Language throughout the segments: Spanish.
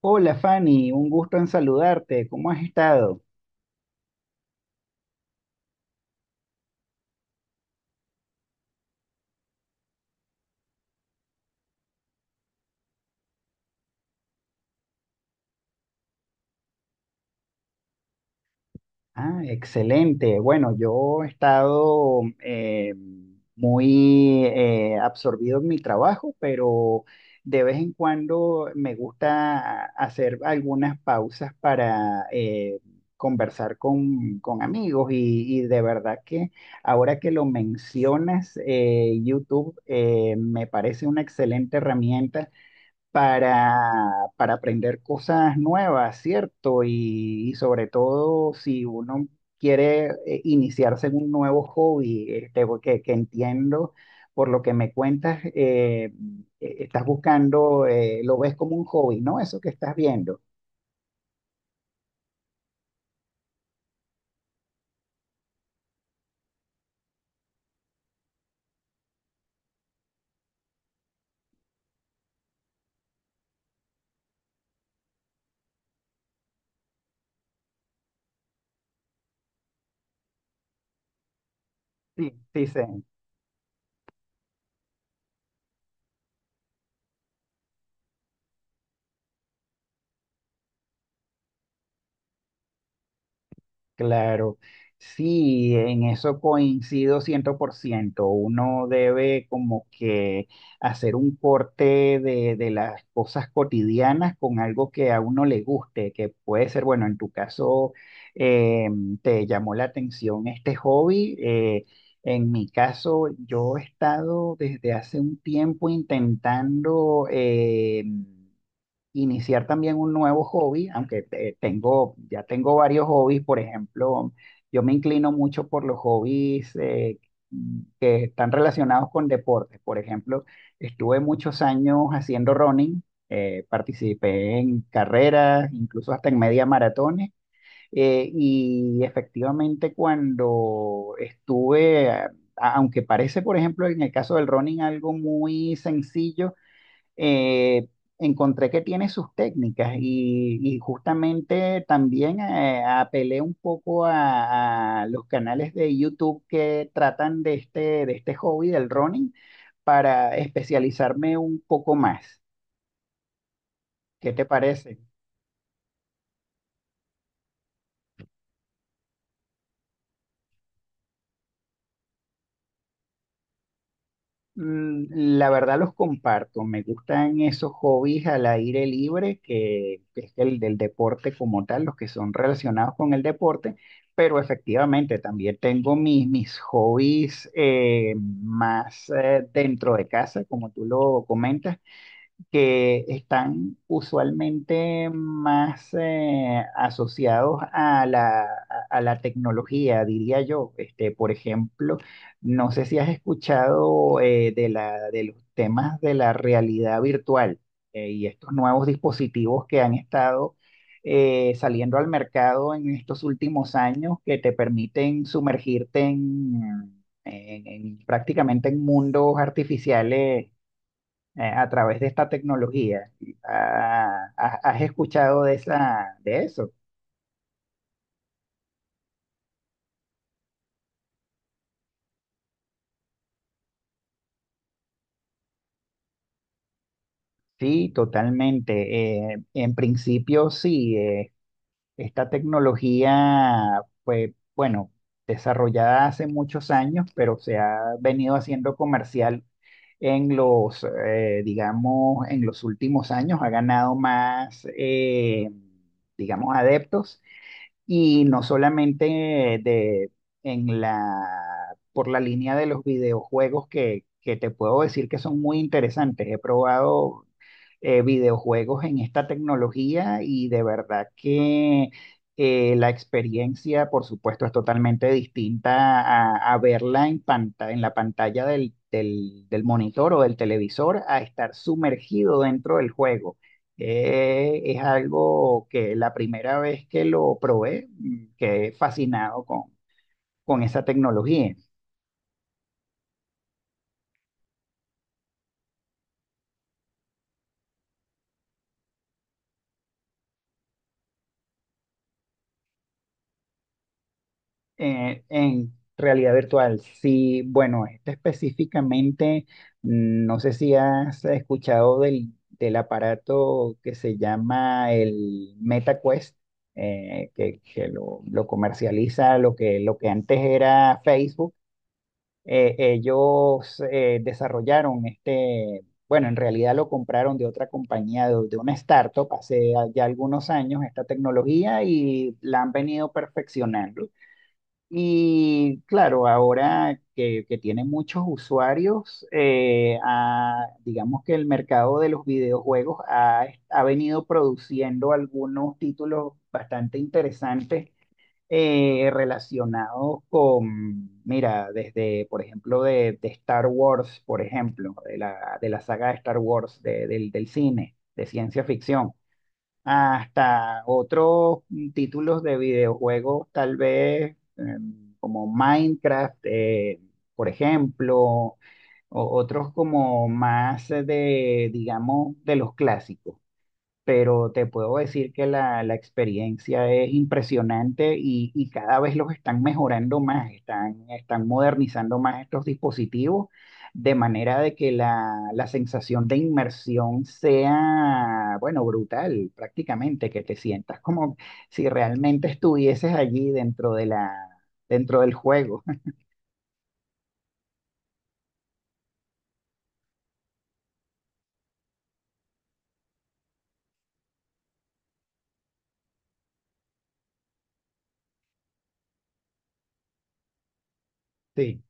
Hola Fanny, un gusto en saludarte. ¿Cómo has estado? Ah, excelente. Bueno, yo he estado muy absorbido en mi trabajo, pero de vez en cuando me gusta hacer algunas pausas para conversar con amigos y de verdad que ahora que lo mencionas, YouTube me parece una excelente herramienta para aprender cosas nuevas, ¿cierto? Y sobre todo si uno quiere iniciarse en un nuevo hobby, este, porque que entiendo por lo que me cuentas, estás buscando, lo ves como un hobby, ¿no? Eso que estás viendo. Sí, sí, sí, Claro, sí, en eso coincido ciento por ciento. Uno debe como que hacer un corte de las cosas cotidianas con algo que a uno le guste, que puede ser, bueno, en tu caso eh, te llamó la atención este hobby. En mi caso, yo he estado desde hace un tiempo intentando iniciar también un nuevo hobby, aunque tengo, ya tengo varios hobbies. Por ejemplo, yo me inclino mucho por los hobbies que están relacionados con deportes. Por ejemplo, estuve muchos años haciendo running, participé en carreras, incluso hasta en media maratones. Y efectivamente cuando Aunque parece, por ejemplo, en el caso del running algo muy sencillo, eh, encontré que tiene sus técnicas y justamente también apelé un poco a los canales de YouTube que tratan de este hobby del running para especializarme un poco más. ¿Qué te parece? La verdad los comparto. Me gustan esos hobbies al aire libre, que es el del deporte como tal, los que son relacionados con el deporte, pero efectivamente también tengo mis hobbies más dentro de casa, como tú lo comentas, que están usualmente más asociados a a la tecnología, diría yo. Este, por ejemplo, no sé si has escuchado de los temas de la realidad virtual, y estos nuevos dispositivos que han estado saliendo al mercado en estos últimos años, que te permiten sumergirte en prácticamente en mundos artificiales a través de esta tecnología. Ah, ¿has escuchado de esa, de eso? Sí, totalmente. En principio, sí, esta tecnología fue, bueno, desarrollada hace muchos años, pero se ha venido haciendo comercial en digamos, en los últimos años, ha ganado más, digamos, adeptos. Y no solamente en la, por la línea de los videojuegos que te puedo decir que son muy interesantes. He probado videojuegos en esta tecnología y de verdad que la experiencia, por supuesto, es totalmente distinta a verla en en la pantalla del monitor o del televisor a estar sumergido dentro del juego. Es algo que la primera vez que lo probé, quedé fascinado con esa tecnología. En realidad virtual, sí, bueno, este específicamente, no sé si has escuchado del aparato que se llama el MetaQuest, que lo comercializa lo lo que antes era Facebook. Ellos desarrollaron este, bueno, en realidad lo compraron de otra compañía, de una startup, hace ya algunos años esta tecnología y la han venido perfeccionando. Y claro, ahora que tiene muchos usuarios, digamos que el mercado de los videojuegos ha, ha venido produciendo algunos títulos bastante interesantes, relacionados con, mira, desde, por ejemplo, de Star Wars, por ejemplo, de de la saga de Star Wars, del cine, de ciencia ficción, hasta otros títulos de videojuegos, tal vez como Minecraft, por ejemplo, o otros como más de, digamos, de los clásicos. Pero te puedo decir que la experiencia es impresionante y cada vez los están mejorando más, están modernizando más estos dispositivos, de manera de que la sensación de inmersión sea, bueno, brutal prácticamente, que te sientas como si realmente estuvieses allí dentro de dentro del juego. Sí.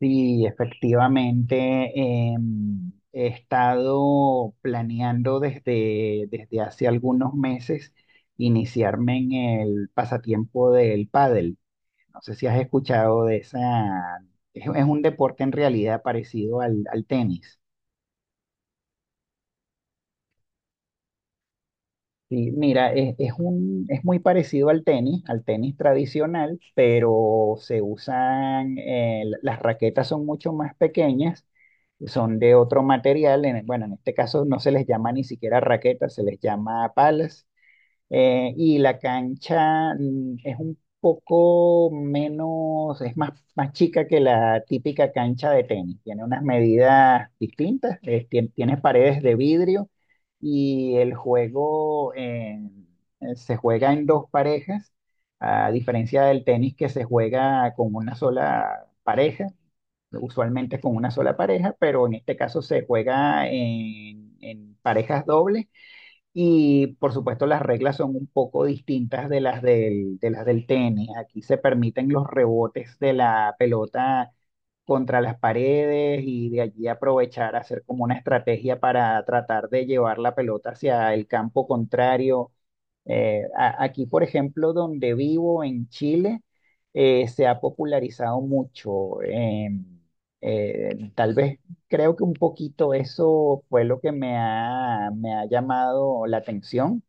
Sí, efectivamente, he estado planeando desde hace algunos meses iniciarme en el pasatiempo del pádel. No sé si has escuchado de esa, es un deporte en realidad parecido al tenis. Sí, mira, es muy parecido al tenis tradicional, pero se usan, las raquetas son mucho más pequeñas, que son de otro material. Bueno, en este caso no se les llama ni siquiera raquetas, se les llama palas. Y la cancha es un poco menos, es más, más chica que la típica cancha de tenis. Tiene unas medidas distintas, tiene paredes de vidrio, y el juego se juega en dos parejas, a diferencia del tenis que se juega con una sola pareja, usualmente con una sola pareja, pero en este caso se juega en parejas dobles, y por supuesto las reglas son un poco distintas de de las del tenis. Aquí se permiten los rebotes de la pelota contra las paredes y de allí aprovechar, hacer como una estrategia para tratar de llevar la pelota hacia el campo contrario. Aquí, por ejemplo, donde vivo en Chile, se ha popularizado mucho. Tal vez creo que un poquito eso fue lo que me ha llamado la atención.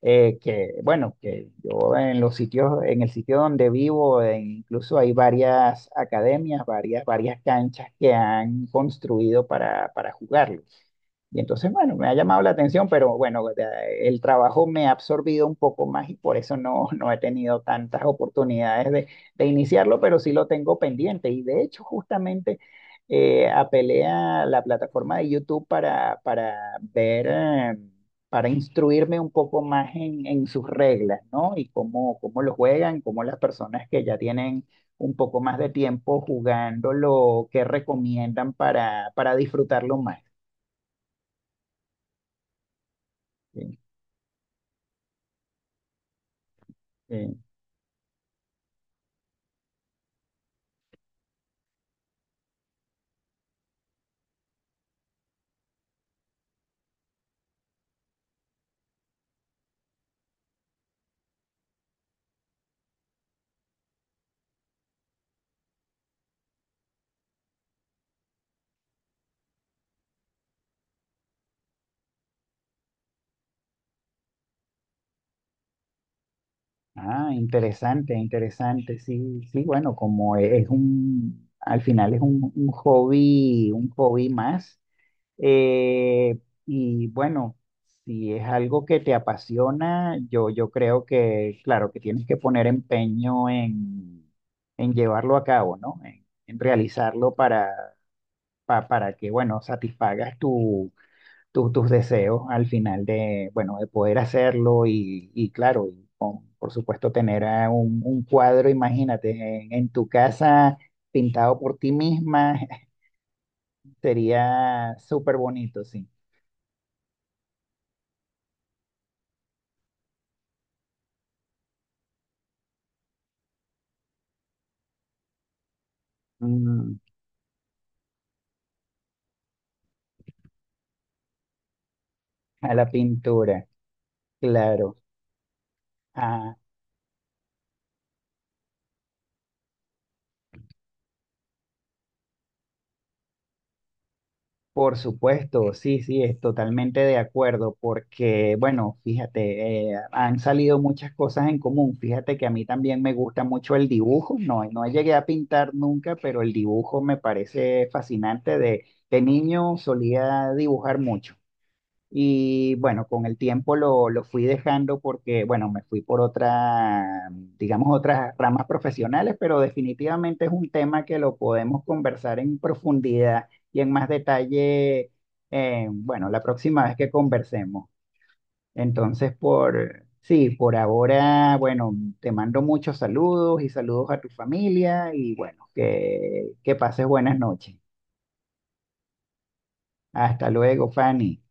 Que bueno, que yo en los sitios, en el sitio donde vivo, incluso hay varias academias, varias canchas que han construido para jugarlo. Y entonces, bueno, me ha llamado la atención, pero bueno, el trabajo me ha absorbido un poco más y por eso no, no he tenido tantas oportunidades de iniciarlo, pero sí lo tengo pendiente. Y de hecho, justamente apelé a la plataforma de YouTube para ver, para instruirme un poco más en sus reglas, ¿no? Y cómo lo juegan, cómo las personas que ya tienen un poco más de tiempo jugándolo, qué recomiendan para disfrutarlo más. ¿Sí? Eh, Ah, interesante, interesante. Sí, sí, bueno, como al final es un hobby más. eh, y bueno, si es algo que te apasiona, yo creo que, claro, que tienes que poner empeño en llevarlo a cabo, ¿no? En realizarlo para que, bueno, satisfagas tus deseos al final de, bueno, de poder hacerlo y claro, por supuesto tener un cuadro, imagínate, en tu casa pintado por ti misma, sería súper bonito, sí. Mm, a la pintura, claro. Ah, Por supuesto, sí, sí, es totalmente de acuerdo, porque, bueno, fíjate, han salido muchas cosas en común. Fíjate que a mí también me gusta mucho el dibujo, no, no llegué a pintar nunca, pero el dibujo me parece fascinante. De niño solía dibujar mucho. Y bueno, con el tiempo lo fui dejando porque, bueno, me fui por otra, digamos, otras ramas profesionales, pero definitivamente es un tema que lo podemos conversar en profundidad y en más detalle, bueno, la próxima vez que conversemos. Entonces, sí, por ahora, bueno, te mando muchos saludos y saludos a tu familia y bueno, que pases buenas noches. Hasta luego, Fanny.